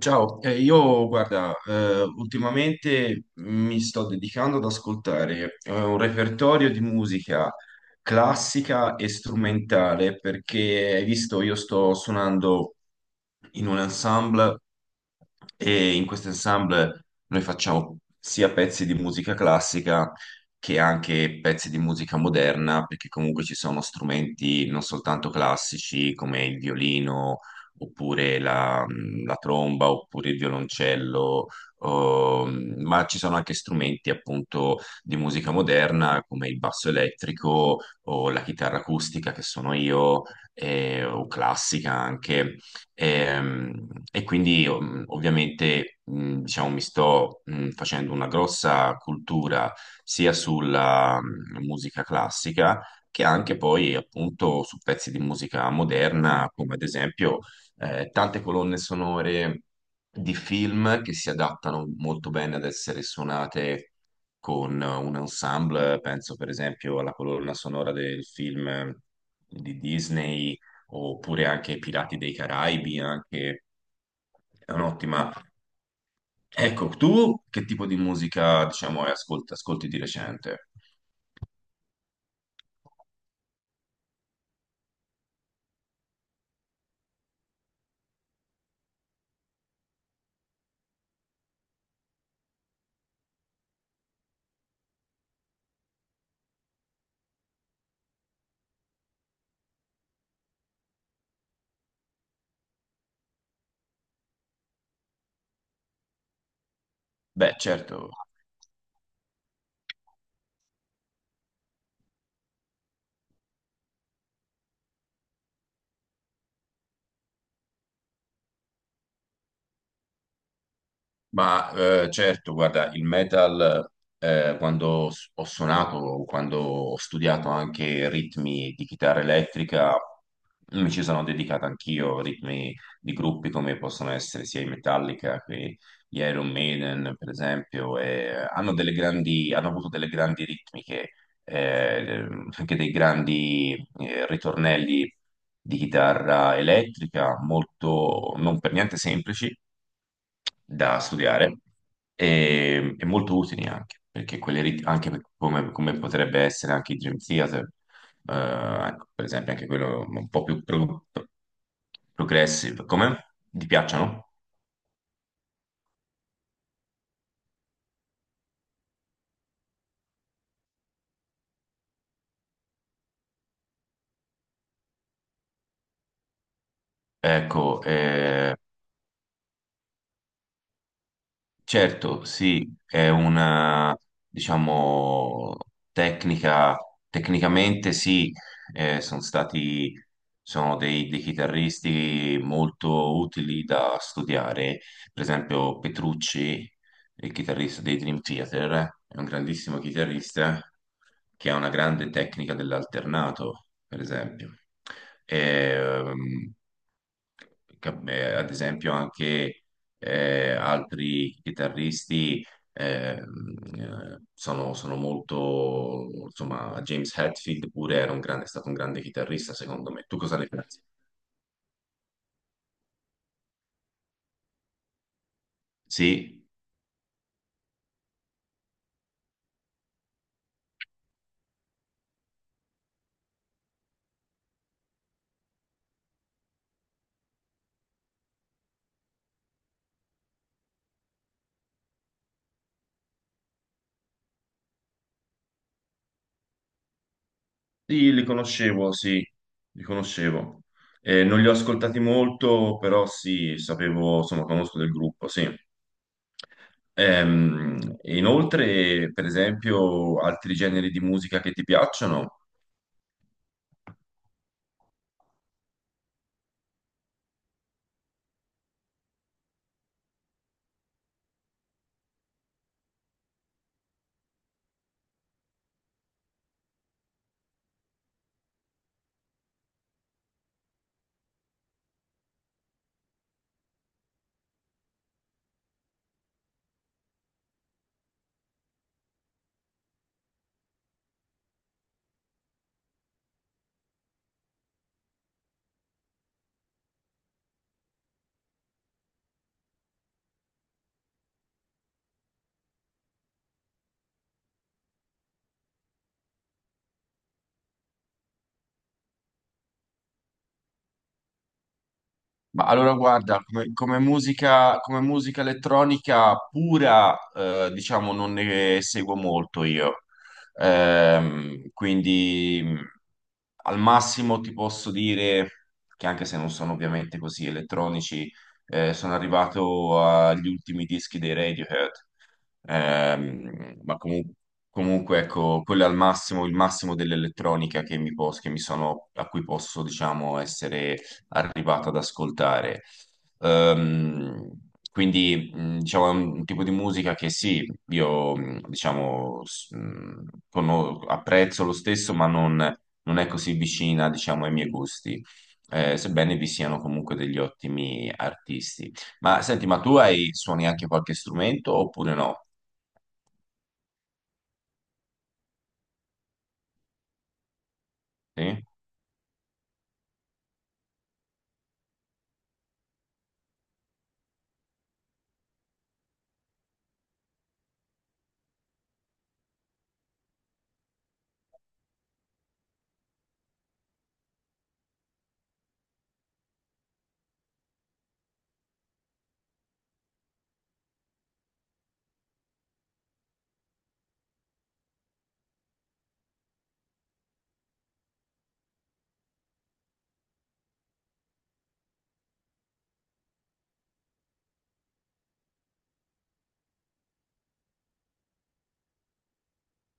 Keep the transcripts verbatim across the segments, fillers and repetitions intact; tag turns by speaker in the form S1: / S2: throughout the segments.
S1: Ciao, eh, io guarda, eh, ultimamente mi sto dedicando ad ascoltare eh, un repertorio di musica classica e strumentale perché, hai visto, io sto suonando in un ensemble e in questo ensemble noi facciamo sia pezzi di musica classica che anche pezzi di musica moderna perché comunque ci sono strumenti non soltanto classici come il violino oppure la, la tromba, oppure il violoncello, ehm, ma ci sono anche strumenti appunto di musica moderna come il basso elettrico o la chitarra acustica che sono io, eh, o classica anche. Ehm, E, quindi ov- ovviamente mh, diciamo, mi sto mh, facendo una grossa cultura sia sulla mh, musica classica che anche poi appunto su pezzi di musica moderna, come ad esempio eh, tante colonne sonore di film che si adattano molto bene ad essere suonate con un ensemble, penso per esempio alla colonna sonora del film di Disney oppure anche Pirati dei Caraibi, anche è un'ottima. Ecco, tu che tipo di musica, diciamo, hai ascolt- ascolti di recente? Beh, certo. Ma eh, certo, guarda, il metal, eh, quando s- ho suonato, quando ho studiato anche ritmi di chitarra elettrica, mm, mi ci sono dedicato anch'io, ritmi di gruppi come possono essere sia i Metallica che gli Iron Maiden, per esempio, e hanno delle grandi, hanno avuto delle grandi ritmiche, eh, anche dei grandi eh, ritornelli di chitarra elettrica, molto non per niente semplici da studiare e, e molto utili anche, perché quelle rit- anche per- come, come potrebbe essere anche il Dream Theater, eh, ecco, per esempio anche quello un po' più pro- progressive, come? Ti piacciono? Ecco, eh, Certo, sì, è una, diciamo, tecnica, tecnicamente sì, eh, sono stati, sono dei, dei chitarristi molto utili da studiare, per esempio Petrucci, il chitarrista dei Dream Theater, è un grandissimo chitarrista che ha una grande tecnica dell'alternato, per esempio. Ehm, Cap- eh, ad esempio anche eh, altri chitarristi ehm, eh, sono, sono molto, insomma, James Hetfield pure era un grande, è stato un grande chitarrista, secondo me. Tu cosa ne pensi? Sì, sì, li conoscevo, sì, li conoscevo. Eh, non li ho ascoltati molto, però sì, sapevo, insomma, conosco del gruppo, sì. Ehm, inoltre, per esempio, altri generi di musica che ti piacciono? Ma allora guarda, come, come musica, come musica elettronica pura, eh, diciamo, non ne seguo molto io. Ehm, quindi mh, al massimo ti posso dire che anche se non sono ovviamente così elettronici, eh, sono arrivato agli ultimi dischi dei Radiohead. Ehm, ma comu- Comunque ecco, quello è al massimo, il massimo dell'elettronica che mi, pos- che mi sono, a cui posso, diciamo, essere arrivato ad ascoltare. Ehm, quindi, mh, diciamo, è un tipo di musica che sì, io, mh, diciamo, s- mh, cono- apprezzo lo stesso, ma non, non è così vicina, diciamo, ai miei gusti, eh, sebbene vi siano comunque degli ottimi artisti. Ma senti, ma tu hai, suoni anche qualche strumento oppure no? Sì?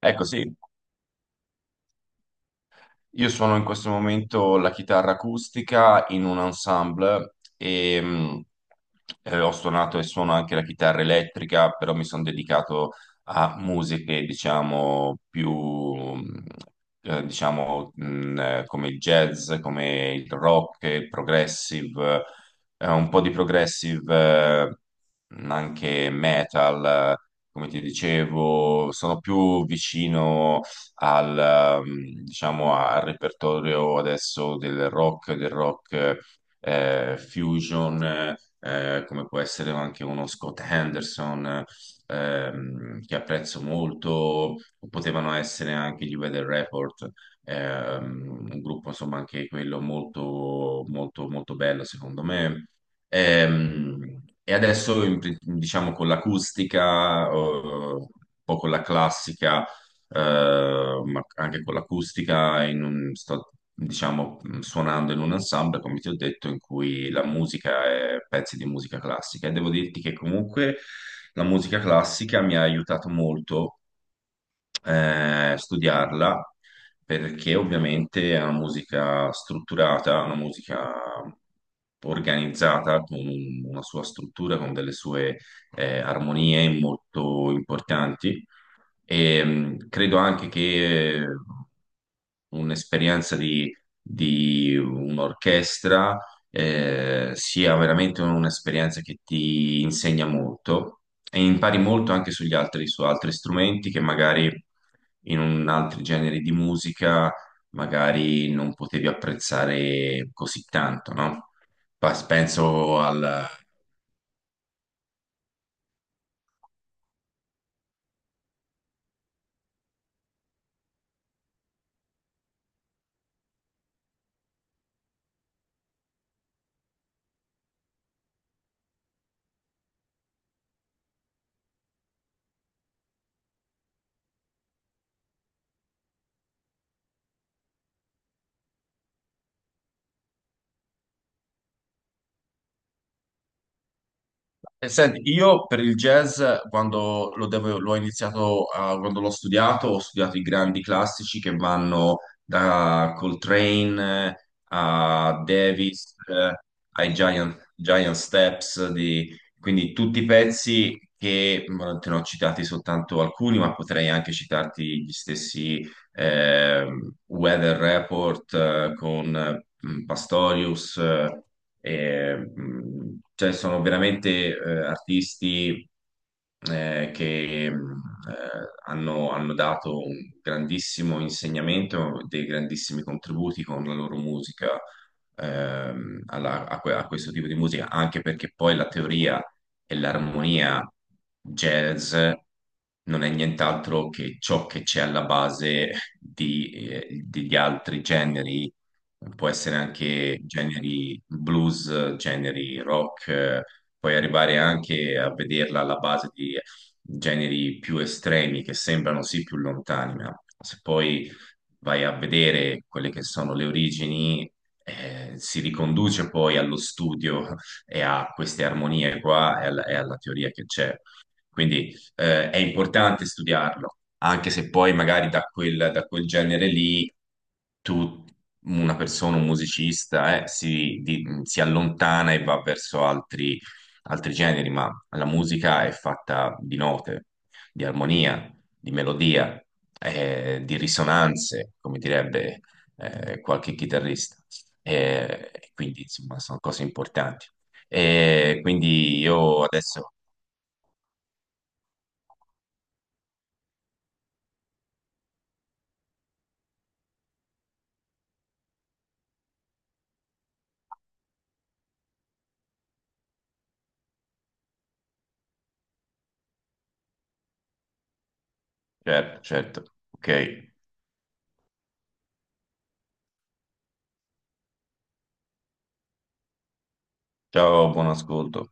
S1: Ecco, sì. Io suono in questo momento la chitarra acustica in un ensemble e mh, eh, ho suonato e suono anche la chitarra elettrica, però mi sono dedicato a musiche, diciamo, più, mh, eh, diciamo, mh, eh, come il jazz, come il rock, il progressive, eh, un po' di progressive, eh, anche metal, eh, come ti dicevo, sono più vicino al, ehm, diciamo, al repertorio adesso del rock, del rock eh, fusion, eh, eh, come può essere anche uno Scott Henderson, ehm, che apprezzo molto, o potevano essere anche gli Weather Report, ehm, un gruppo insomma anche quello molto, molto, molto bello secondo me. Ehm, E adesso, in pri- diciamo, con l'acustica, eh, un po' con la classica, eh, ma anche con l'acustica, in un- sto diciamo suonando in un ensemble, come ti ho detto, in cui la musica è pezzi di musica classica e devo dirti che comunque la musica classica mi ha aiutato molto eh, a studiarla perché ovviamente è una musica strutturata, una musica organizzata con una sua struttura, con delle sue eh, armonie molto importanti e, mh, credo anche che eh, un'esperienza di, di un'orchestra eh, sia veramente un'esperienza che ti insegna molto e impari molto anche sugli altri, su altri strumenti che magari in un altri generi di musica magari non potevi apprezzare così tanto, no? Pa- Penso E senti, io per il jazz, quando lo devo- l'ho iniziato, a- quando l'ho studiato, ho studiato i grandi classici che vanno da Coltrane eh, a Davis, eh, ai Giant, Giant Steps, di- quindi tutti i pezzi che mh, te ne ho citati soltanto alcuni, ma potrei anche citarti gli stessi ehm, Weather Report eh, con eh, Pastorius. Eh, e, mh, cioè, sono veramente eh, artisti eh, che mh, eh, hanno, hanno dato un grandissimo insegnamento, dei grandissimi contributi con la loro musica ehm, alla- a, que- a questo tipo di musica, anche perché poi la teoria e l'armonia jazz non è nient'altro che ciò che c'è alla base di, eh, degli altri generi può essere anche generi blues, generi rock, eh, puoi arrivare anche a vederla alla base di generi più estremi che sembrano sì più lontani, ma se poi vai a vedere quelle che sono le origini, eh, si riconduce poi allo studio e a queste armonie qua e alla, e alla teoria che c'è. Quindi eh, è importante studiarlo, anche se poi magari da quel da quel genere lì una persona, un musicista, eh, si, di- si allontana e va verso altri, altri generi, ma la musica è fatta di note, di armonia, di melodia, eh, di risonanze, come direbbe, eh, qualche chitarrista. Eh, quindi, insomma, sono cose importanti. E quindi io adesso, certo, certo, ok. Ciao, buon ascolto.